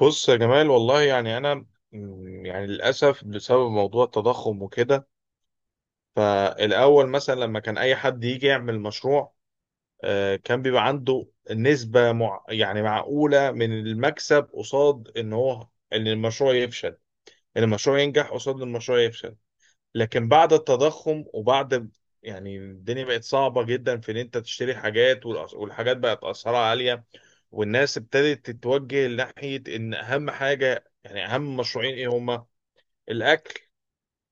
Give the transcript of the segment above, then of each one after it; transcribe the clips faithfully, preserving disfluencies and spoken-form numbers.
بص يا جمال، والله يعني انا م- يعني للاسف بسبب موضوع التضخم وكده. فالاول مثلا لما كان اي حد يجي يعمل مشروع، آه، كان بيبقى عنده نسبه مع يعني معقوله من المكسب قصاد ان هو ان المشروع يفشل ان المشروع ينجح قصاد ان المشروع يفشل. لكن بعد التضخم وبعد يعني الدنيا بقت صعبه جدا في ان انت تشتري حاجات، والأس- والحاجات بقت اسعارها عاليه، والناس ابتدت تتوجه ناحية إن أهم حاجة، يعني أهم مشروعين إيه هما؟ الأكل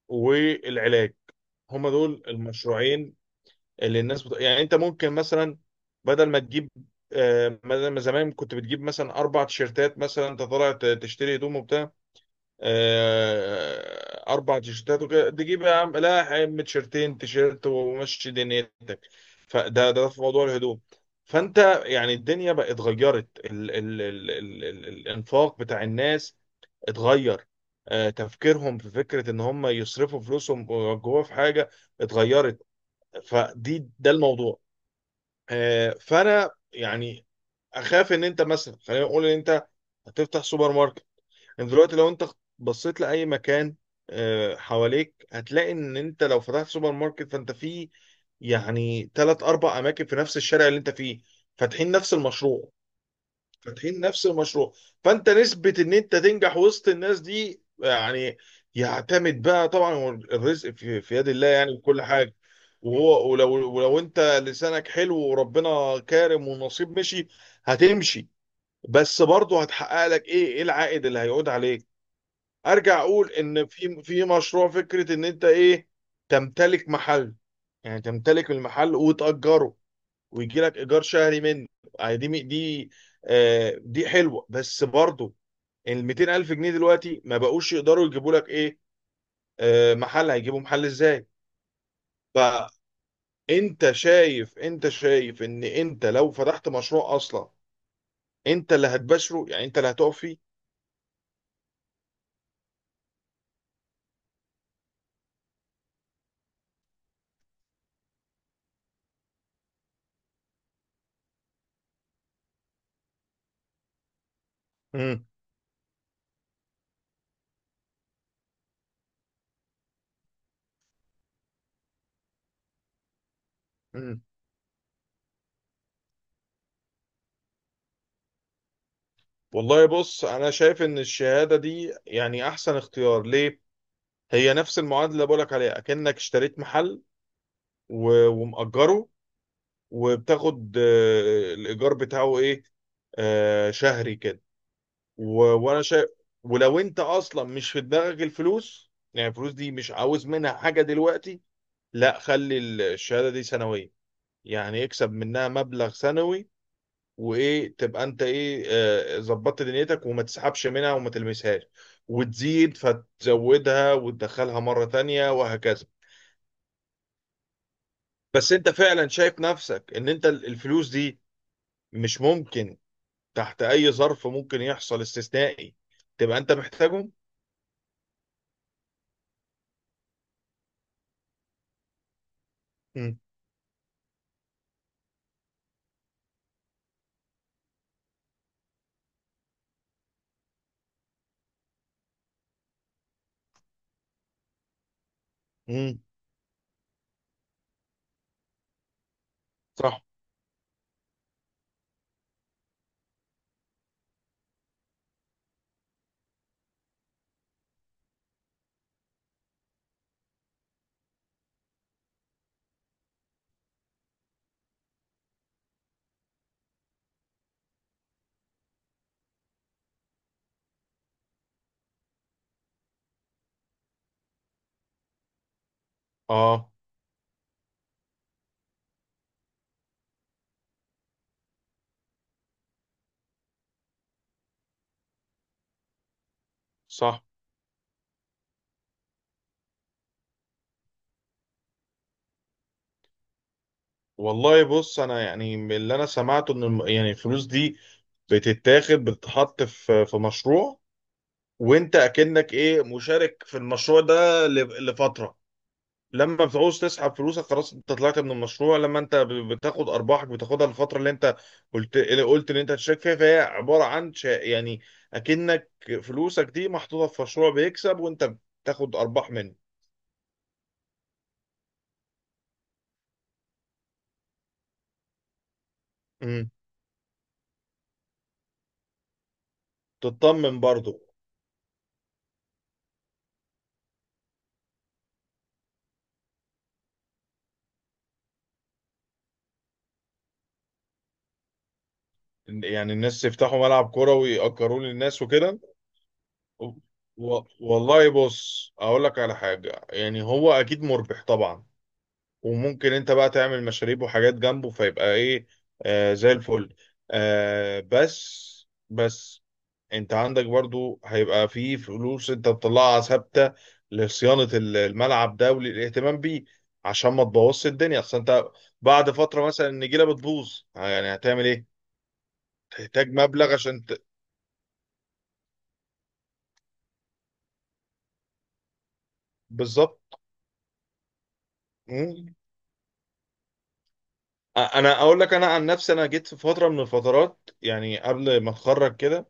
والعلاج، هما دول المشروعين اللي الناس بت... يعني. أنت ممكن مثلا بدل ما تجيب، آه، بدل ما زمان كنت بتجيب مثلا أربع تيشيرتات، مثلا أنت طالع ت- تشتري هدوم وبتاع، آه، اربع تيشيرتات وكده، تجيب يا عم لا يا عم تيشيرتين، تيشيرت ومشي دنيتك. فده ده في موضوع الهدوم. فانت يعني الدنيا بقت اتغيرت، ال ال ال ال ال الانفاق بتاع الناس اتغير، آه، تفكيرهم في فكرة ان هم يصرفوا فلوسهم جوه في حاجة اتغيرت. فدي ده الموضوع. آه، فانا يعني اخاف ان انت مثلا، خلينا نقول ان انت هتفتح سوبر ماركت. يعني دلوقتي لو انت بصيت لاي مكان آه، حواليك، هتلاقي ان انت لو فتحت سوبر ماركت فانت في يعني ثلاث اربع اماكن في نفس الشارع اللي انت فيه فاتحين نفس المشروع، فاتحين نفس المشروع. فانت نسبة ان انت تنجح وسط الناس دي يعني يعتمد بقى. طبعا هو الرزق في, في يد الله يعني وكل حاجة، وهو ولو ولو انت لسانك حلو وربنا كارم والنصيب مشي، هتمشي. بس برضه هتحقق لك ايه ايه العائد اللي هيعود عليك؟ ارجع اقول ان في في مشروع، فكره ان انت ايه؟ تمتلك محل. يعني تمتلك المحل وتأجره ويجي لك ايجار شهري منه. يعني دي دي آه دي حلوه، بس برضه ال مئتين الف جنيه دلوقتي ما بقوش يقدروا يجيبوا لك ايه؟ آه، محل. هيجيبوا محل ازاي؟ فانت شايف، انت شايف ان انت لو فتحت مشروع اصلا انت اللي هتبشره، يعني انت اللي هتقف فيه. مم. مم. والله بص، انا شايف ان الشهاده دي يعني احسن اختيار ليه؟ هي نفس المعادله اللي بقولك عليها، اكنك اشتريت محل و- ومأجره وبتاخد آه، الايجار بتاعه ايه؟ آه، شهري كده. و- وانا شايف، ولو انت اصلا مش في دماغك الفلوس، يعني الفلوس دي مش عاوز منها حاجه دلوقتي، لا، خلي ال- الشهاده دي سنويه، يعني اكسب منها مبلغ سنوي. وايه تبقى انت ايه آه، ظبطت دنيتك وما تسحبش منها وما تلمسهاش، وتزيد فتزودها وتدخلها مره تانية وهكذا. بس انت فعلا شايف نفسك ان انت ال- الفلوس دي مش ممكن تحت اي ظرف ممكن يحصل استثنائي تبقى انت محتاجهم؟ امم. امم. صح. اه. صح. والله بص، انا يعني من اللي انا سمعته ان الم- يعني الفلوس دي بتتاخد بتتحط في في مشروع، وانت اكنك ايه مشارك في المشروع ده ل- لفترة. لما بتعوز تسحب فلوسك خلاص انت طلعت من المشروع. لما انت ب- بتاخد ارباحك، بتاخدها الفتره اللي انت قلت اللي قلت ان انت هتشارك فيها. فهي عباره عن شا- يعني اكنك فلوسك دي محطوطه في مشروع بيكسب وانت بتاخد ارباح منه. امم. تطمن برضو. يعني الناس يفتحوا ملعب كوره ويأجروه للناس وكده. و... والله بص، اقول لك على حاجه. يعني هو اكيد مربح طبعا، وممكن انت بقى تعمل مشاريب وحاجات جنبه فيبقى ايه آه زي الفل. آه بس، بس انت عندك برضو هيبقى في فلوس انت بتطلعها ثابتة لصيانة ال- الملعب ده وللاهتمام بيه عشان ما تبوظش الدنيا. اصل انت بعد فترة مثلا النجيلة بتبوظ، يعني هتعمل ايه؟ تحتاج مبلغ عشان ت... بالظبط. مم. انا اقول لك انا عن نفسي، انا جيت في فترة من الفترات يعني قبل ما اتخرج كده،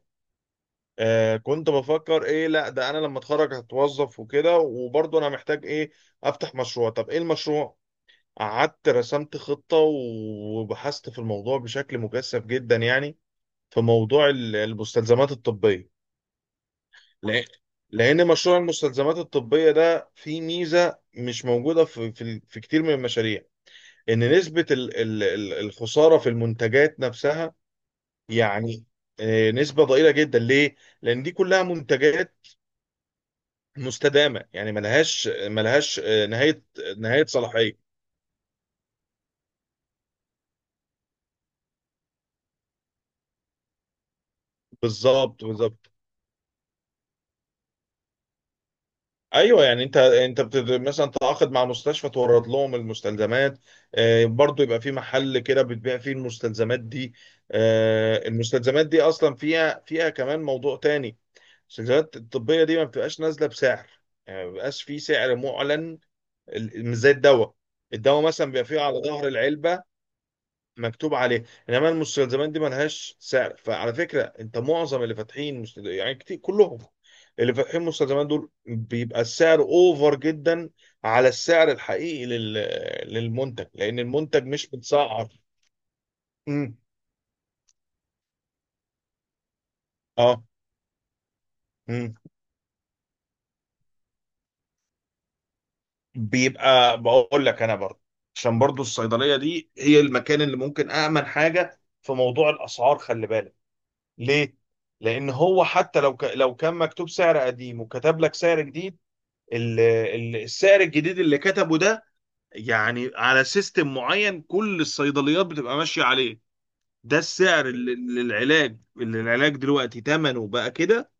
آه كنت بفكر ايه. لا ده انا لما اتخرج هتوظف وكده، وبرضه انا محتاج ايه افتح مشروع. طب ايه المشروع؟ قعدت رسمت خطة وبحثت في الموضوع بشكل مكثف جدا يعني، في موضوع ال- المستلزمات الطبية. لأ- لان مشروع المستلزمات الطبية ده فيه ميزة مش موجودة في في, في كتير من المشاريع. ان نسبة ال- ال- ال- الخسارة في المنتجات نفسها يعني آه، نسبة ضئيلة جدا. ليه؟ لأن دي كلها منتجات مستدامه، يعني ملهاش ملهاش نهايه، نهايه صلاحيه. بالظبط، بالظبط. ايوه، يعني انت انت بتد... مثلا تعاقد مع مستشفى تورد لهم المستلزمات، آه، برضو يبقى في محل كده بتبيع فيه المستلزمات دي. آه، المستلزمات دي اصلا فيها فيها كمان موضوع تاني. المستلزمات الطبيه دي ما بتبقاش نازله بسعر، يعني ما بيبقاش في سعر معلن، ال- مش زي الدواء. الدواء مثلا بيبقى فيه على ظهر العلبه مكتوب عليه، انما المستلزمات دي ملهاش سعر. فعلى فكره انت معظم اللي فاتحين مستل... يعني كتير، كلهم اللي فاتحين مستلزمات دول بيبقى السعر اوفر جدا على السعر الحقيقي لل... للمنتج، لان المنتج مش متسعر. امم. اه. امم. بيبقى بقول لك انا برضه عشان برضه الصيدليه دي هي المكان اللي ممكن امن حاجه في موضوع الاسعار. خلي بالك ليه؟ لان هو حتى لو ك... لو كان مكتوب سعر قديم وكتب لك سعر جديد، ال- ال- السعر الجديد اللي كتبه ده يعني على سيستم معين كل الصيدليات بتبقى ماشية عليه. ده السعر اللي- اللي العلاج، اللي العلاج دلوقتي ثمنه بقى كده،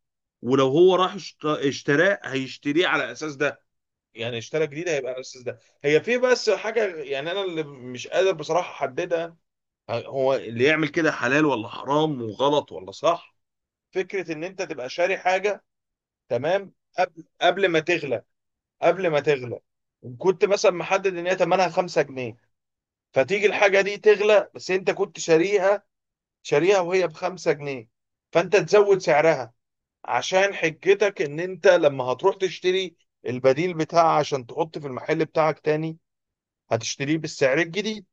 ولو هو راح اشت- اشتراه هيشتريه على اساس ده. يعني اشترى جديد هيبقى على اساس ده. هي في بس حاجة يعني انا اللي مش قادر بصراحة احددها، هو اللي يعمل كده حلال ولا حرام، وغلط ولا صح. فكرة ان انت تبقى شاري حاجة. تمام. قبل قبل ما تغلى، قبل ما تغلى، كنت مثلا محدد ان هي ثمنها خمسة جنيه، فتيجي الحاجه دي تغلى بس انت كنت شاريها، شاريها وهي ب خمسة جنيه، فانت تزود سعرها عشان حجتك ان انت لما هتروح تشتري البديل بتاعها عشان تحط في المحل بتاعك تاني هتشتريه بالسعر الجديد.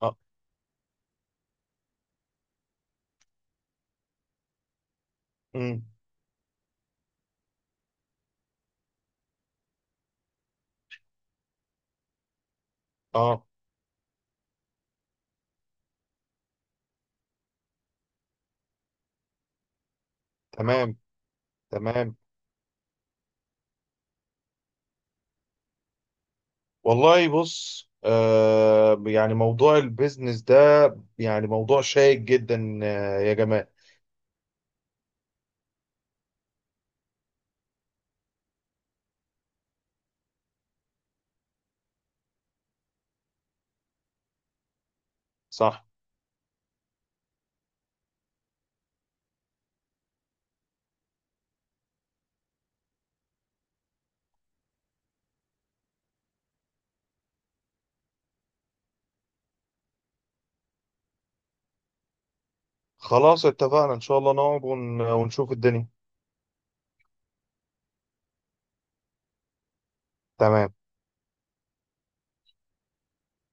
اه. امم. اه. تمام. تمام. والله بص، آه يعني موضوع البيزنس ده يعني موضوع شائك جدا، آه، يا جماعة. صح. خلاص اتفقنا ان شاء الله، نقعد ون- ونشوف الدنيا. تمام.